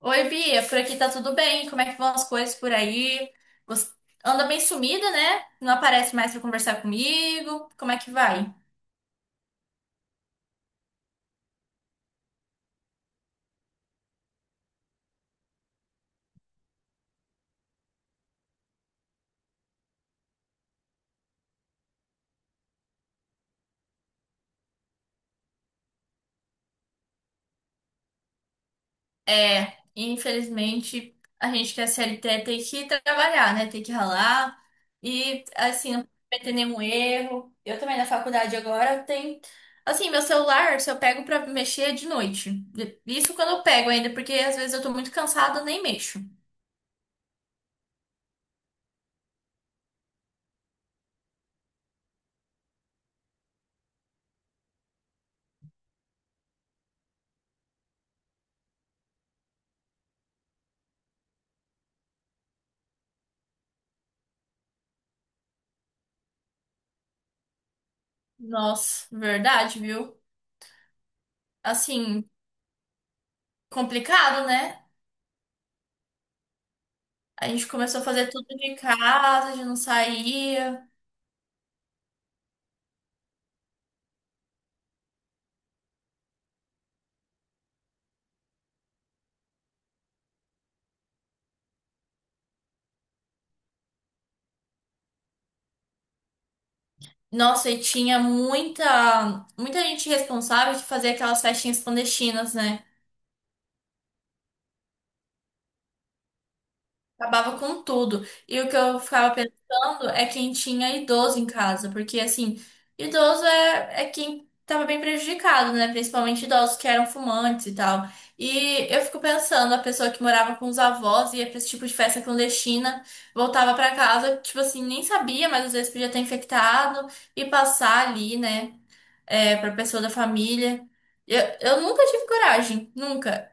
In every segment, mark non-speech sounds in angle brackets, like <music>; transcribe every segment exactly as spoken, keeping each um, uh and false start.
Oi, Bia, por aqui tá tudo bem? Como é que vão as coisas por aí? Você anda bem sumida, né? Não aparece mais pra conversar comigo. Como é que vai? É, infelizmente, a gente que é C L T tem que trabalhar, né? Tem que ralar. E, assim, não cometer nenhum erro. Eu também na faculdade agora tem. Assim, meu celular, se eu pego pra mexer é de noite. Isso quando eu pego ainda, porque às vezes eu tô muito cansada, eu nem mexo. Nossa, verdade, viu? Assim, complicado, né? A gente começou a fazer tudo de casa, a gente não saía. Nossa, e tinha muita, muita gente responsável que fazia aquelas festinhas clandestinas, né? Acabava com tudo. E o que eu ficava pensando é quem tinha idoso em casa, porque assim, idoso é, é quem tava bem prejudicado, né? Principalmente idosos que eram fumantes e tal. E eu fico pensando, a pessoa que morava com os avós, ia pra esse tipo de festa clandestina, voltava pra casa, tipo assim, nem sabia, mas às vezes podia ter infectado e passar ali, né? É, pra pessoa da família. Eu, eu nunca tive coragem, nunca.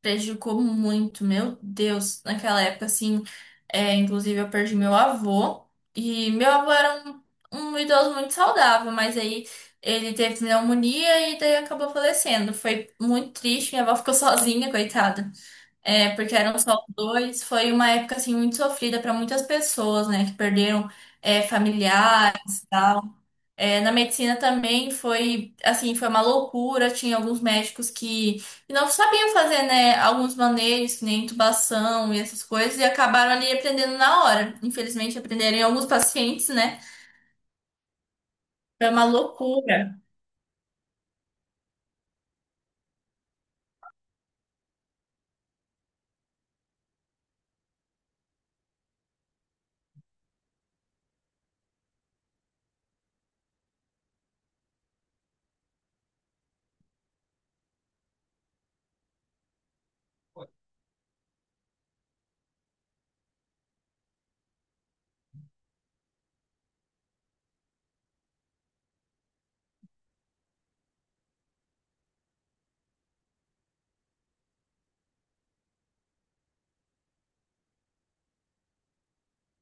Prejudicou muito, meu Deus, naquela época, assim, é, inclusive eu perdi meu avô, e meu avô era um, um idoso muito saudável, mas aí ele teve pneumonia e daí acabou falecendo, foi muito triste, minha avó ficou <laughs> sozinha, coitada, é, porque eram só dois, foi uma época, assim, muito sofrida para muitas pessoas, né, que perderam, é, familiares, tal. É, na medicina também foi, assim, foi uma loucura. Tinha alguns médicos que que não sabiam fazer, né, alguns manejos, que nem intubação e essas coisas, e acabaram ali aprendendo na hora. Infelizmente, aprenderam em alguns pacientes, né? Foi uma loucura.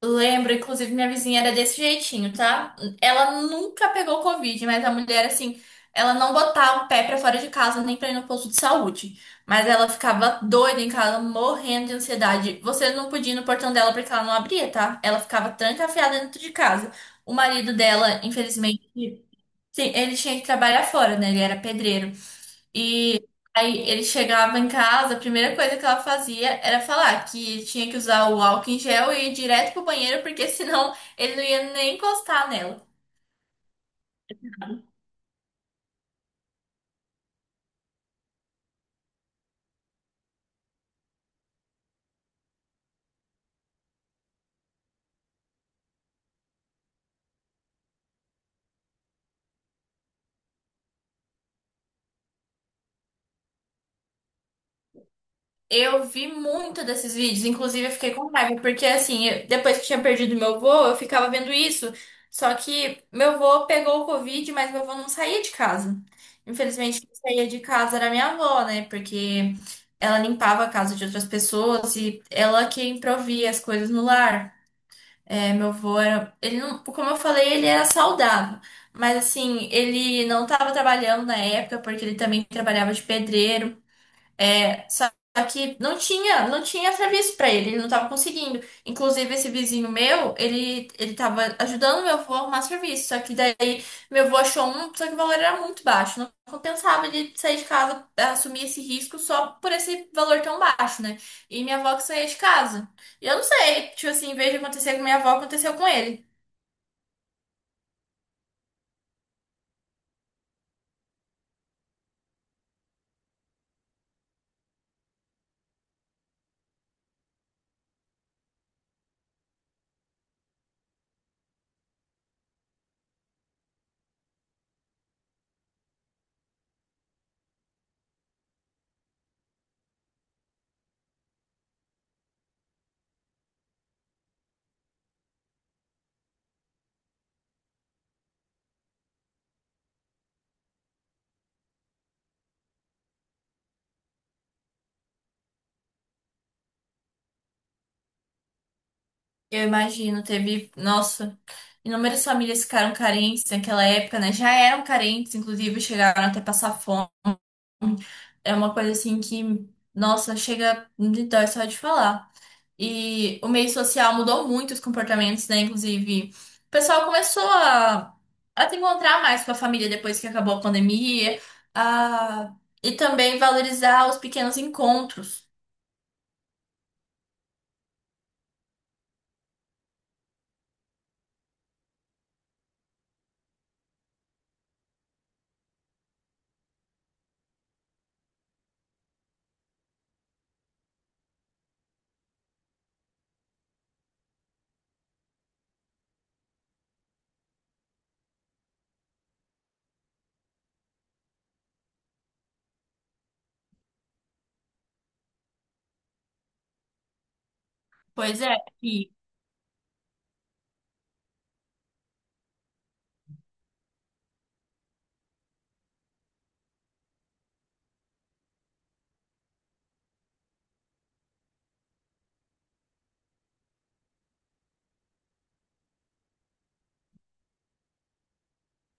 Lembro, inclusive, minha vizinha era desse jeitinho, tá? Ela nunca pegou Covid, mas a mulher, assim, ela não botava o pé pra fora de casa nem pra ir no posto de saúde. Mas ela ficava doida em casa, morrendo de ansiedade. Você não podia ir no portão dela porque ela não abria, tá? Ela ficava trancafiada dentro de casa. O marido dela, infelizmente, sim, ele tinha que trabalhar fora, né? Ele era pedreiro. E aí ele chegava em casa, a primeira coisa que ela fazia era falar que tinha que usar o álcool em gel e ir direto pro banheiro, porque <laughs> senão ele não ia nem encostar nela. Eu vi muito desses vídeos, inclusive eu fiquei com raiva, porque assim, eu- depois que tinha perdido meu avô, eu ficava vendo isso. Só que meu avô pegou o Covid, mas meu avô não saía de casa. Infelizmente, quem saía de casa era minha avó, né? Porque ela limpava a casa de outras pessoas e ela que improvia as coisas no lar. É, meu avô era. Ele não, como eu falei, ele era saudável. Mas assim, ele não estava trabalhando na época, porque ele também trabalhava de pedreiro. Só que não tinha, não tinha serviço pra ele, ele não tava conseguindo. Inclusive, esse vizinho meu, ele, ele tava ajudando meu avô a arrumar serviço. Só que daí meu avô achou um, só que o valor era muito baixo. Não compensava ele sair de casa, assumir esse risco só por esse valor tão baixo, né? E minha avó que saía de casa. E eu não sei, tipo assim, em vez de acontecer com minha avó, aconteceu com ele. Eu imagino, teve, nossa, inúmeras famílias ficaram carentes naquela época, né? Já eram carentes, inclusive, chegaram até passar fome. É uma coisa assim que, nossa, chega de dói só de falar. E o meio social mudou muito os comportamentos, né? Inclusive, o pessoal começou a, a se encontrar mais com a família depois que acabou a pandemia, a, e também valorizar os pequenos encontros. Pois é.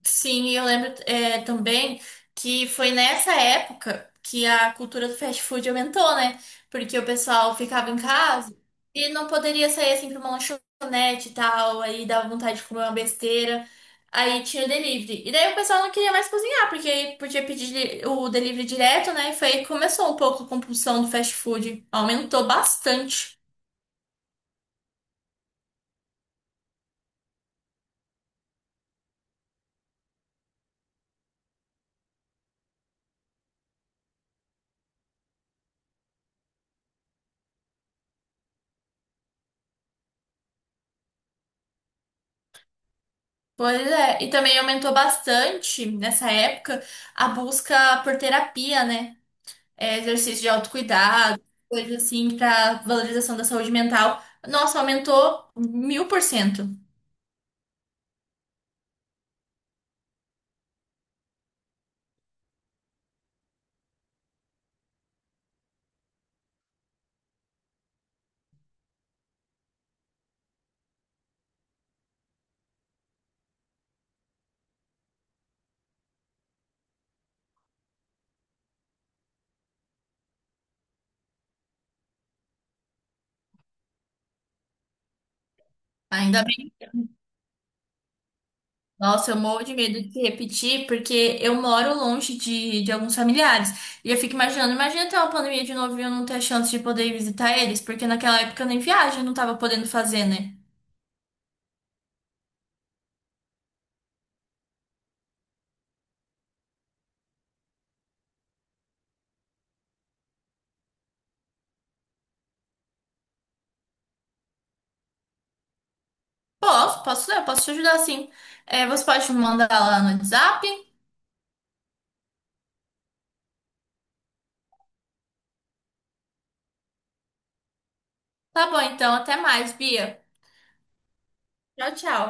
Sim, e eu lembro é, também que foi nessa época que a cultura do fast food aumentou, né? Porque o pessoal ficava em casa e não poderia sair assim para uma lanchonete e tal, aí dava vontade de comer uma besteira, aí tinha o delivery. E daí o pessoal não queria mais cozinhar, porque aí podia pedir o delivery direto, né? E foi aí que começou um pouco a compulsão do fast food, aumentou bastante. Pois é, e também aumentou bastante nessa época a busca por terapia, né? É, exercício de autocuidado, coisas assim para valorização da saúde mental. Nossa, aumentou mil por cento. Ainda bem. Nossa, eu morro de medo de repetir, porque eu moro longe de, de alguns familiares. E eu fico imaginando, imagina ter uma pandemia de novo e eu não ter a chance de poder ir visitar eles, porque naquela época eu nem viagem, não tava podendo fazer, né? Posso, posso, eu posso te ajudar sim. É, você pode me mandar lá no WhatsApp? Tá bom, então, até mais, Bia. Tchau, tchau.